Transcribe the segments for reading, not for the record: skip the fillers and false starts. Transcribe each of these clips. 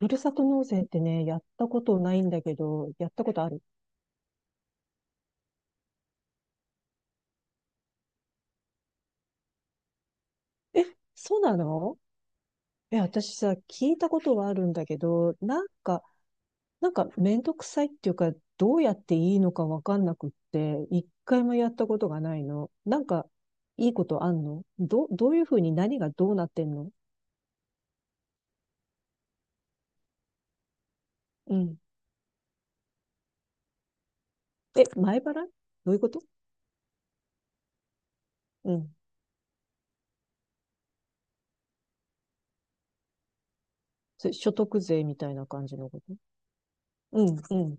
ふるさと納税ってね、やったことないんだけど、やったことある？え、そうなの？え、私さ、聞いたことはあるんだけど、なんかめんどくさいっていうか、どうやっていいのかわかんなくって、一回もやったことがないの。なんか、いいことあんの？どういうふうに何がどうなってんの？うん。え、前払い？どういうこと？うん。それ所得税みたいな感じのこと？うん、うん。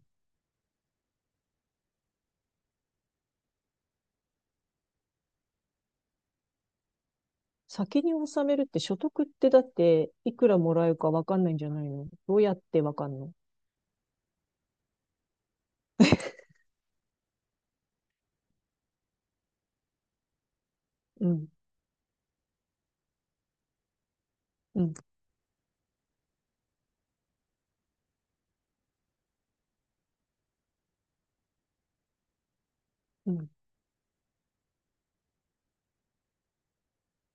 先に納めるって、所得ってだっていくらもらえるかわかんないんじゃないの？どうやってわかんの？うん、うん、うん。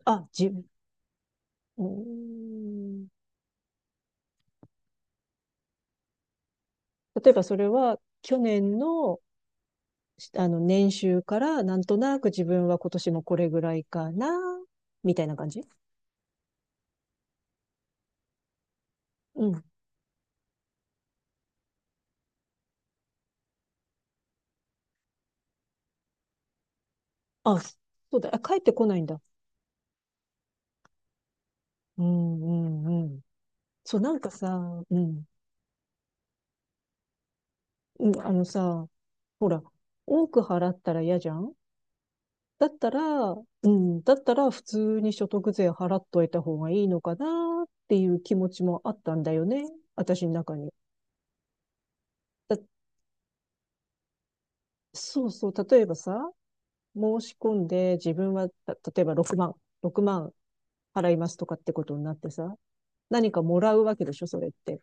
あ、自分、うーん。例えばそれは去年の、あの年収からなんとなく自分は今年もこれぐらいかな、みたいな感じ？うん。あ、そうだ。あ、帰ってこないんだ。うん、うん、うん。そう、なんかさ、うん、うん、あのさ、ほら、多く払ったら嫌じゃん。だったら、うん、だったら普通に所得税払っといた方がいいのかなっていう気持ちもあったんだよね。私の中に。だ、そうそう、例えばさ、申し込んで自分は、例えば6万払いますとかってことになってさ、何かもらうわけでしょ、それって。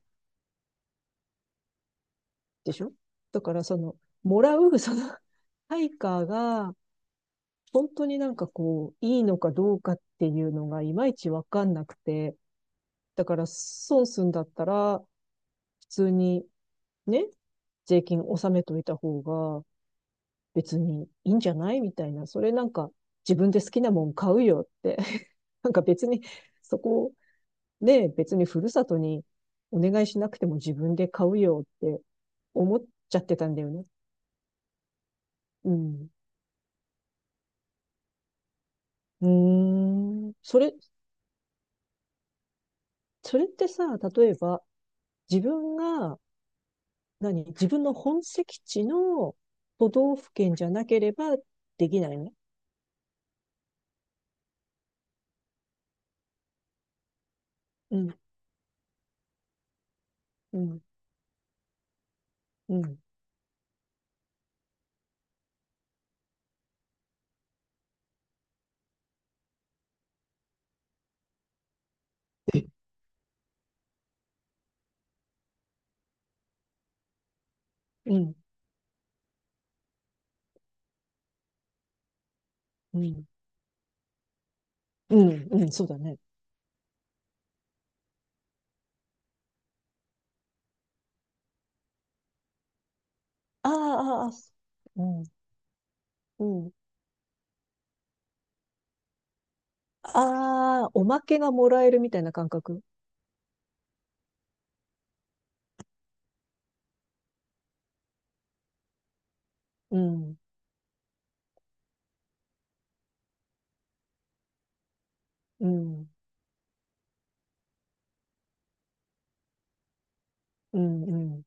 でしょ？だからその、もらう、その、対価が、本当になんかこう、いいのかどうかっていうのがいまいちわかんなくて、だから損すんだったら、普通にね、税金納めといた方が別にいいんじゃないみたいな、それなんか自分で好きなもん買うよって、なんか別にそこね、別にふるさとにお願いしなくても自分で買うよって思っちゃってたんだよね。うん。うーん。それってさ、例えば自分が、自分の本籍地の都道府県じゃなければできないの？うん、うん、うん。うん、うん、うん、うん、そうだね。ああ、ああ、うん、うん。ああ、おまけがもらえるみたいな感覚。うん、うん、うん、うん、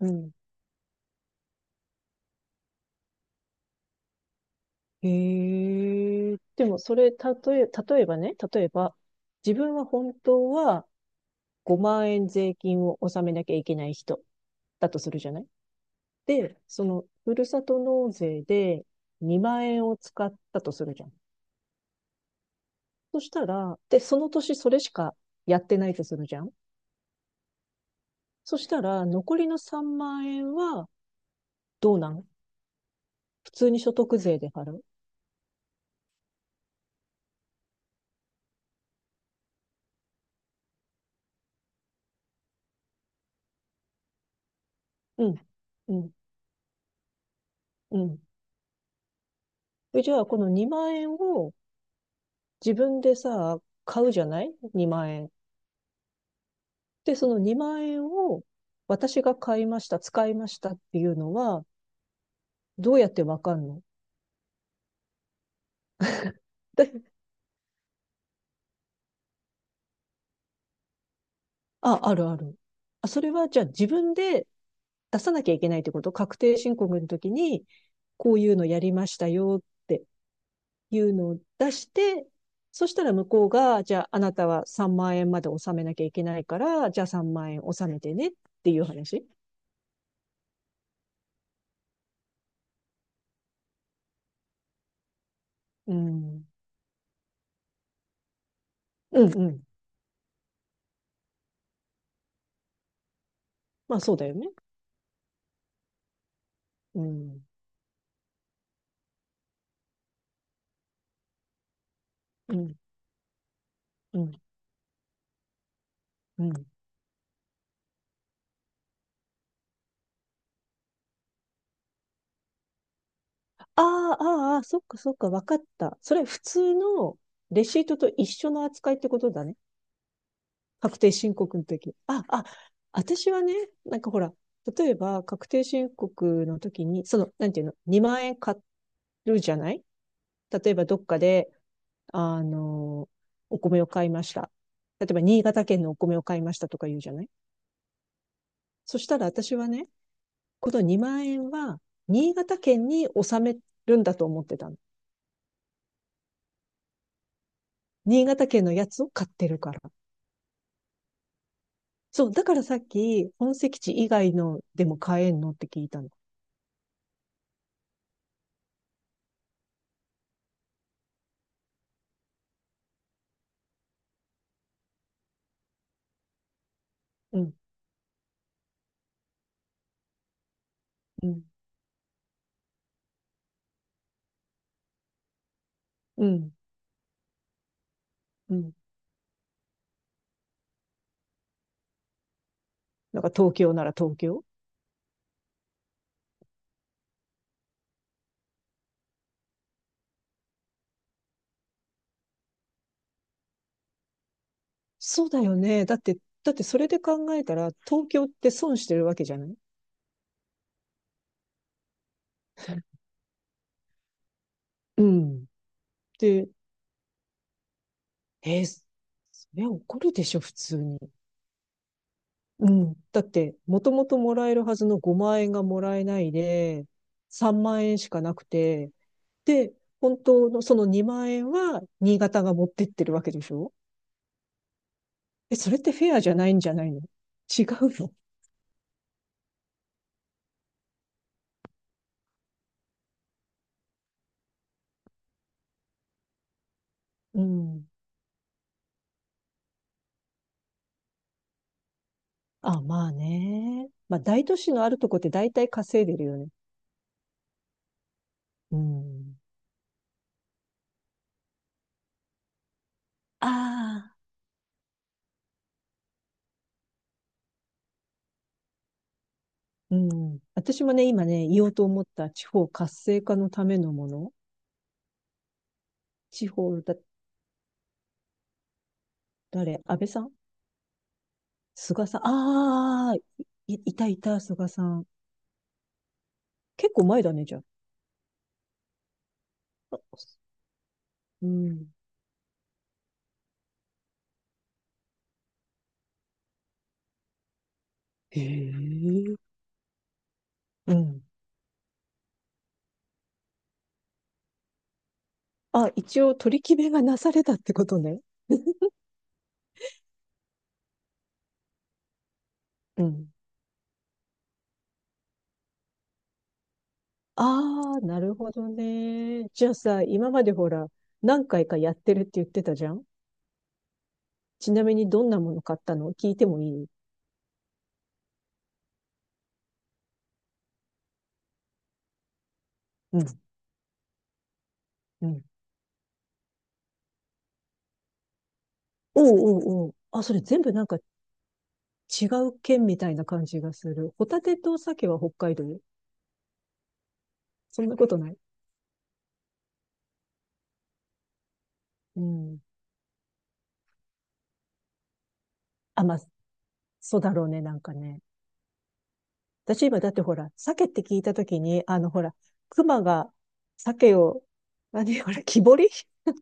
うん。へえ。でも、それ、例え、例えばね、例えば、自分は本当は5万円税金を納めなきゃいけない人だとするじゃない？で、その、ふるさと納税で2万円を使ったとするじゃん。そしたら、で、その年それしかやってないとするじゃん。そしたら、残りの3万円は、どうなん？普通に所得税で払う？うん、うん、うん。でじゃあ、この2万円を自分でさ、買うじゃない ?2 万円。で、その2万円を私が買いました、使いましたっていうのは、どうやってわかんの？で、あ、あるある。あ、それはじゃあ自分で出さなきゃいけないってこと？確定申告の時に、こういうのやりましたよって、いうのを出して、そしたら向こうが、じゃああなたは3万円まで納めなきゃいけないから、じゃあ3万円納めてねっていう話。うん。うんうん。まあそうだよね。うん。うん。うん。うん。ああ、あーあー、そっかそっか、わかった。それ普通のレシートと一緒の扱いってことだね。確定申告の時。あ、あ、私はね、なんかほら、例えば確定申告の時に、その、なんていうの、2万円買るじゃない？例えばどっかで、あの、お米を買いました。例えば新潟県のお米を買いましたとか言うじゃない？そしたら私はね、この2万円は新潟県に納めるんだと思ってたの。新潟県のやつを買ってるから。そう、だからさっき本籍地以外のでも買えんのって聞いたの。うん、うん、うん。うん。なんか東京なら東京。そうだよね。だってそれで考えたら、東京って損してるわけじゃない？うん。で、えーそれ怒るでしょ、普通に。うん。だって、もともともらえるはずの5万円がもらえないで、3万円しかなくて、で、本当のその2万円は新潟が持ってってるわけでしょ？え、それってフェアじゃないんじゃないの？違うの？うん。あ、まあね。まあ大都市のあるとこって大体稼いでるよね。うん。ああ、うん。私もね、今ね、言おうと思った地方活性化のためのもの。地方だ、誰？安倍さん？菅さん？いたいた、菅さん。結構前だね、じゃあ。うん。へえ。うん。あ、一応取り決めがなされたってことね。うん。ああ、なるほどね。じゃあさ、今までほら、何回かやってるって言ってたじゃん。ちなみにどんなもの買ったの？聞いてもいい？うん、うん。おうおうおう。あ、それ全部なんか違う県みたいな感じがする。ホタテと鮭は北海道？そんなことない。うん。あ、まあ、そうだろうね、なんかね。私今だってほら、鮭って聞いたときに、ほら、熊が鮭を、ほら、木彫り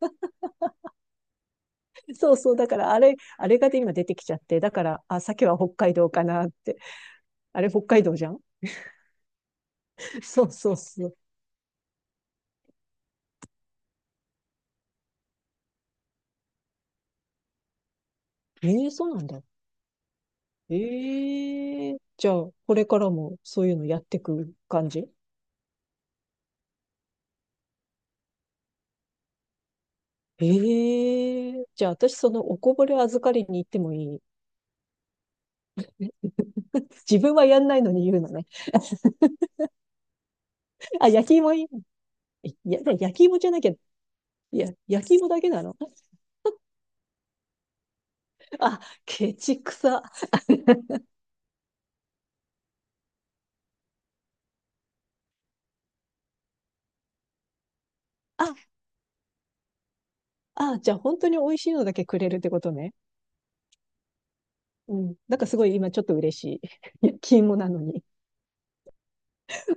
そうそう。だから、あれがで今出てきちゃって。だから、あ、鮭は北海道かなって。あれ、北海道じゃん？そうそうそう。ええそうなんだ。ええじゃあ、これからもそういうのやってく感じ？ええじゃあ私そのおこぼれ預かりに行ってもいい？自分はやんないのに言うのね。あ、焼き芋いい？えいや焼き芋じゃなきゃ、いや、焼き芋だけなの？あ、ケチくさ。あ、あ、じゃあ本当に美味しいのだけくれるってことね。うん。なんかすごい今ちょっと嬉しい。焼き芋なのに。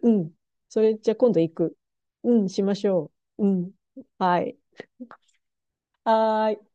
うん。それじゃあ今度行く。うん、しましょう。うん。はい。はーい。